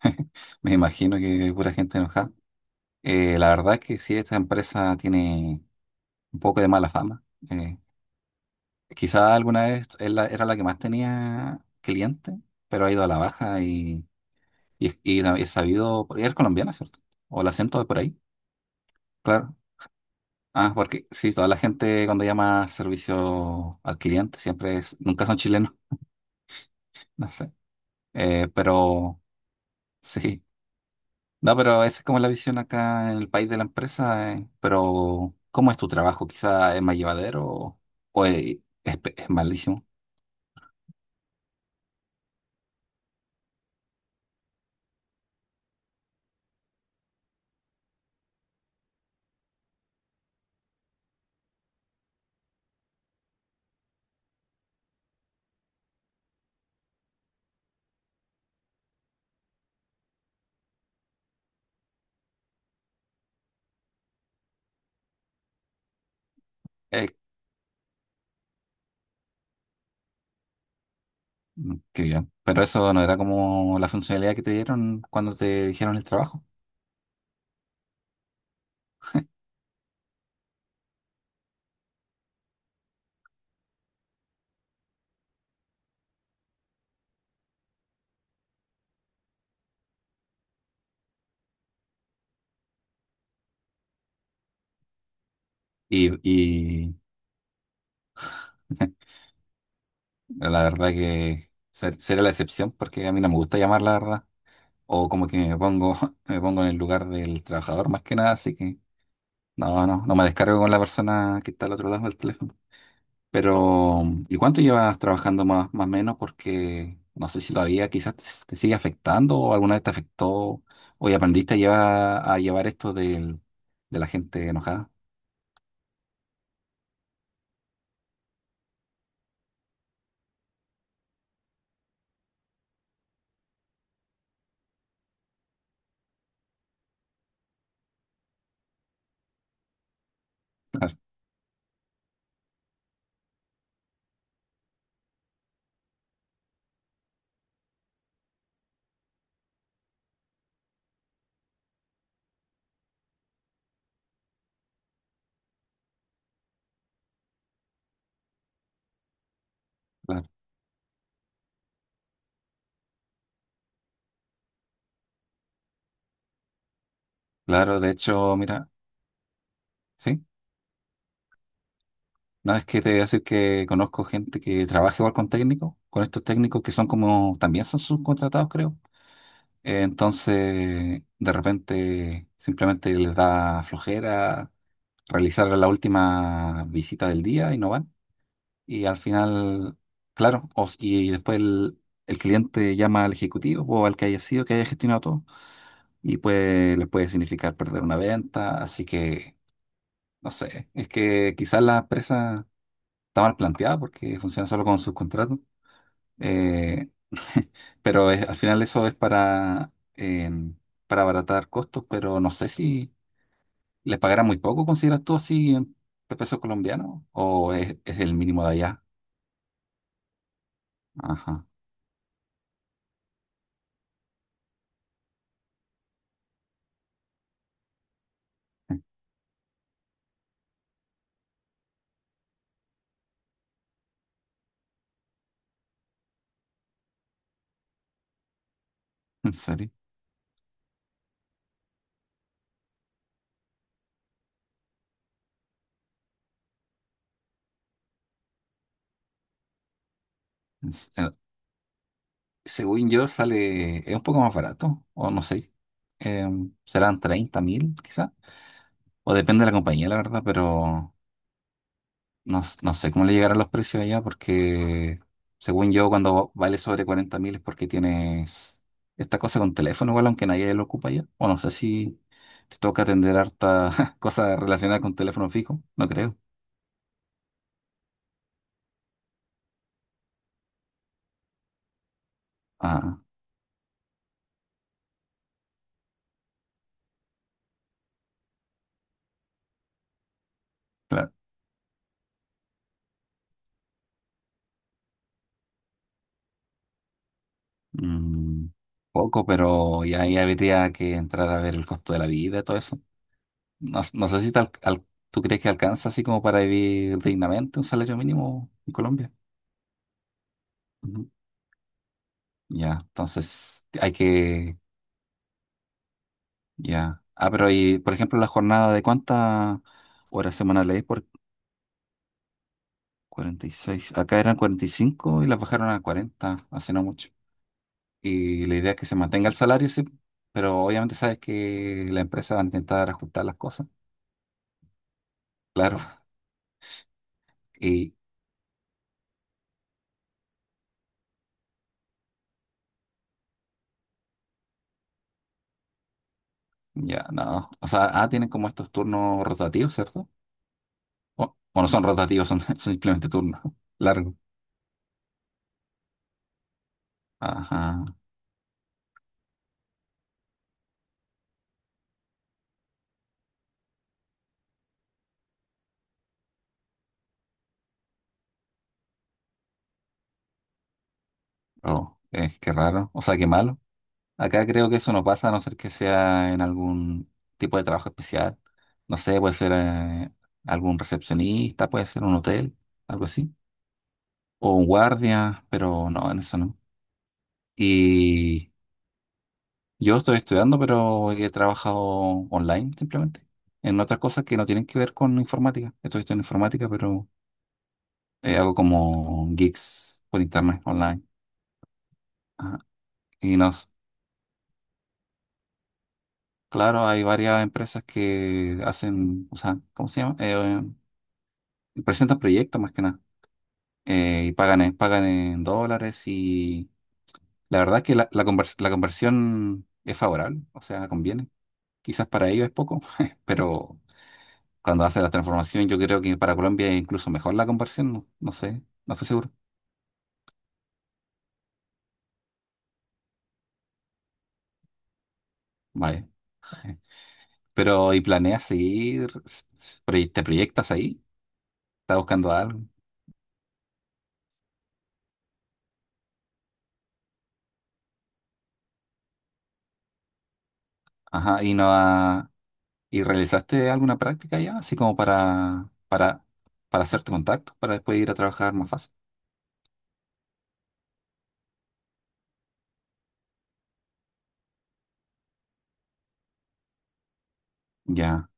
Me imagino que hay pura gente enojada. La verdad es que sí, esta empresa tiene un poco de mala fama. Eh, Quizá alguna vez era la que más tenía clientes, pero ha ido a la baja y es sabido, porque es colombiana, ¿cierto? O el acento de por ahí, claro. Ah, porque sí, toda la gente cuando llama servicio al cliente siempre es, nunca son chilenos, no sé. Pero sí. No, pero esa es como la visión acá en el país de la empresa, Pero, ¿cómo es tu trabajo? ¿Quizá es más llevadero o es, es es malísimo? Eh, mm, qué bien. Pero eso no era como la funcionalidad que te dieron cuando te dijeron el trabajo. Y la verdad que sería la excepción porque a mí no me gusta llamar, la verdad. O como que me pongo, me pongo en el lugar del trabajador más que nada, así que no me descargo con la persona que está al otro lado del teléfono. Pero, ¿y cuánto llevas trabajando más, más o menos? Porque no sé si todavía quizás te sigue afectando o alguna vez te afectó o ya aprendiste a llevar de la gente enojada. Claro, claro. Claro, de hecho, mira, sí, no es que te voy a decir que conozco gente que trabaja igual con técnicos, con estos técnicos que son como, también son subcontratados, creo. Entonces, de repente, simplemente les da flojera realizar la última visita del día y no van. Y al final, claro, y después el cliente llama al ejecutivo o al que haya sido, que haya gestionado todo, y pues les puede significar perder una venta. Así que, no sé, es que quizás la empresa está mal planteada porque funciona solo con subcontratos. eh, pero al final eso es para, em, para abaratar costos, pero no sé si les pagarán muy poco, ¿consideras tú así en pesos colombianos? ¿O es el mínimo de allá? Ajá, ¿en serio? S- eh, Según yo, sale, es un poco más barato, o no sé, serán 30.000 quizá, o depende de la compañía, la verdad, pero no, no sé cómo le llegarán los precios allá, porque según yo, cuando vale sobre 40.000 es porque tienes esta cosa con teléfono, igual, aunque nadie lo ocupa allá, o no sé si te toca atender harta cosa relacionada con teléfono fijo, no creo. Ah, claro. Mm, poco, pero ya, ya habría que entrar a ver el costo de la vida, todo eso. No, no sé si tú crees que alcanza así como para vivir dignamente un salario mínimo en Colombia. Ujú. Ya, entonces hay que, ya. Ah, pero y, por ejemplo, la jornada de cuántas horas semanales es por 46. Acá eran 45 y las bajaron a 40 hace no mucho. Y la idea es que se mantenga el salario, sí, pero obviamente sabes que la empresa va a intentar ajustar las cosas. Claro. Y ya, no. O sea, ah, tienen como estos turnos rotativos, ¿cierto? O no son rotativos, son, son simplemente turnos largos. Ajá. Oh, es que raro. O sea, qué malo. Acá creo que eso no pasa a no ser que sea en algún tipo de trabajo especial. No sé, puede ser algún recepcionista, puede ser un hotel, algo así. O un guardia, pero no, en eso no. Y yo estoy estudiando, pero he trabajado online simplemente. En otras cosas que no tienen que ver con informática. Estoy estudiando informática, pero hago como gigs por internet online. Ajá. Y nos, claro, hay varias empresas que hacen, o sea, ¿cómo se llama? Presentan proyectos más que nada. Y pagan en, pagan en dólares y la verdad es que la la conversión es favorable, o sea, conviene. Quizás para ellos es poco, pero cuando hacen la transformación yo creo que para Colombia es incluso mejor la conversión, no, no sé, no estoy seguro. Vaya. eh. Pero, ¿y planeas seguir? ¿Te proyectas ahí? ¿Estás buscando algo? Ajá, y no. ¿Y realizaste alguna práctica ya? Así como para hacerte contacto, para después ir a trabajar más fácil. Ya,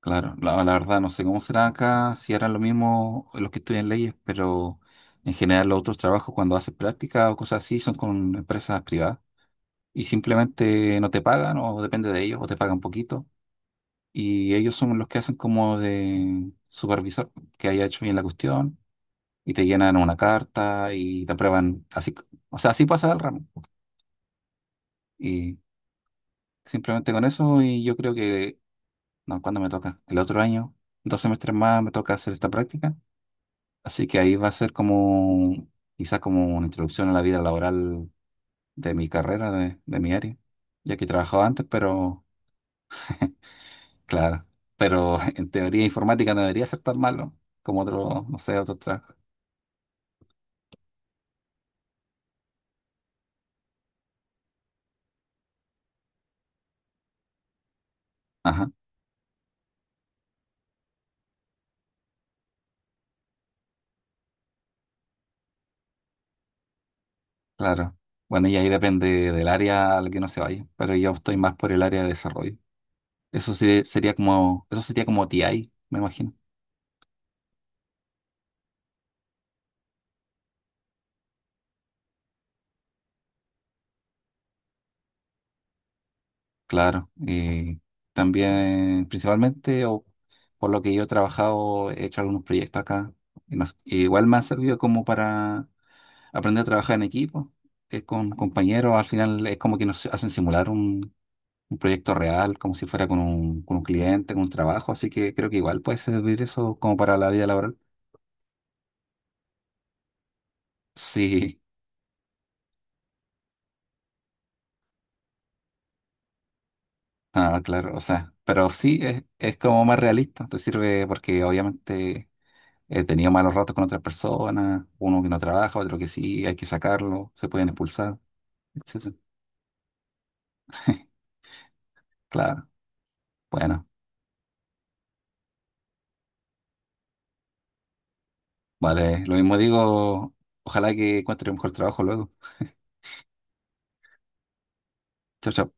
claro. La verdad, no sé cómo será acá, si harán lo mismo los que estudian leyes, pero en general los otros trabajos cuando haces práctica o cosas así son con empresas privadas y simplemente no te pagan o depende de ellos o te pagan poquito. Y ellos son los que hacen como de supervisor, que haya hecho bien la cuestión y te llenan una carta y te aprueban así. O sea, así pasa el ramo. Y Simplemente con eso y yo creo que, no, ¿cuándo me toca? El otro año, dos semestres más me toca hacer esta práctica. Así que ahí va a ser como, quizás como una introducción a la vida laboral de mi carrera, de mi área, ya que he trabajado antes, pero claro, pero en teoría informática no debería ser tan malo como otro, no sé, otro trabajo. Ajá, claro. Bueno, y ahí depende del área al que no se vaya, pero yo estoy más por el área de desarrollo. Sería como, eso sería como TI, me imagino. Claro, y también principalmente, o por lo que yo he trabajado, he hecho algunos proyectos acá. Y igual me ha servido como para aprender a trabajar en equipo, con compañeros. Al final es como que nos hacen simular un proyecto real, como si fuera con un cliente, con un trabajo. Así que creo que igual puede servir eso como para la vida laboral. Sí, ah, claro, o sea, pero sí es como más realista. Te sirve porque obviamente he tenido malos ratos con otras personas, uno que no trabaja, otro que sí, hay que sacarlo, se pueden expulsar, etcétera. Claro, bueno, vale, lo mismo digo, ojalá que encuentre un mejor trabajo luego. Chao, chao.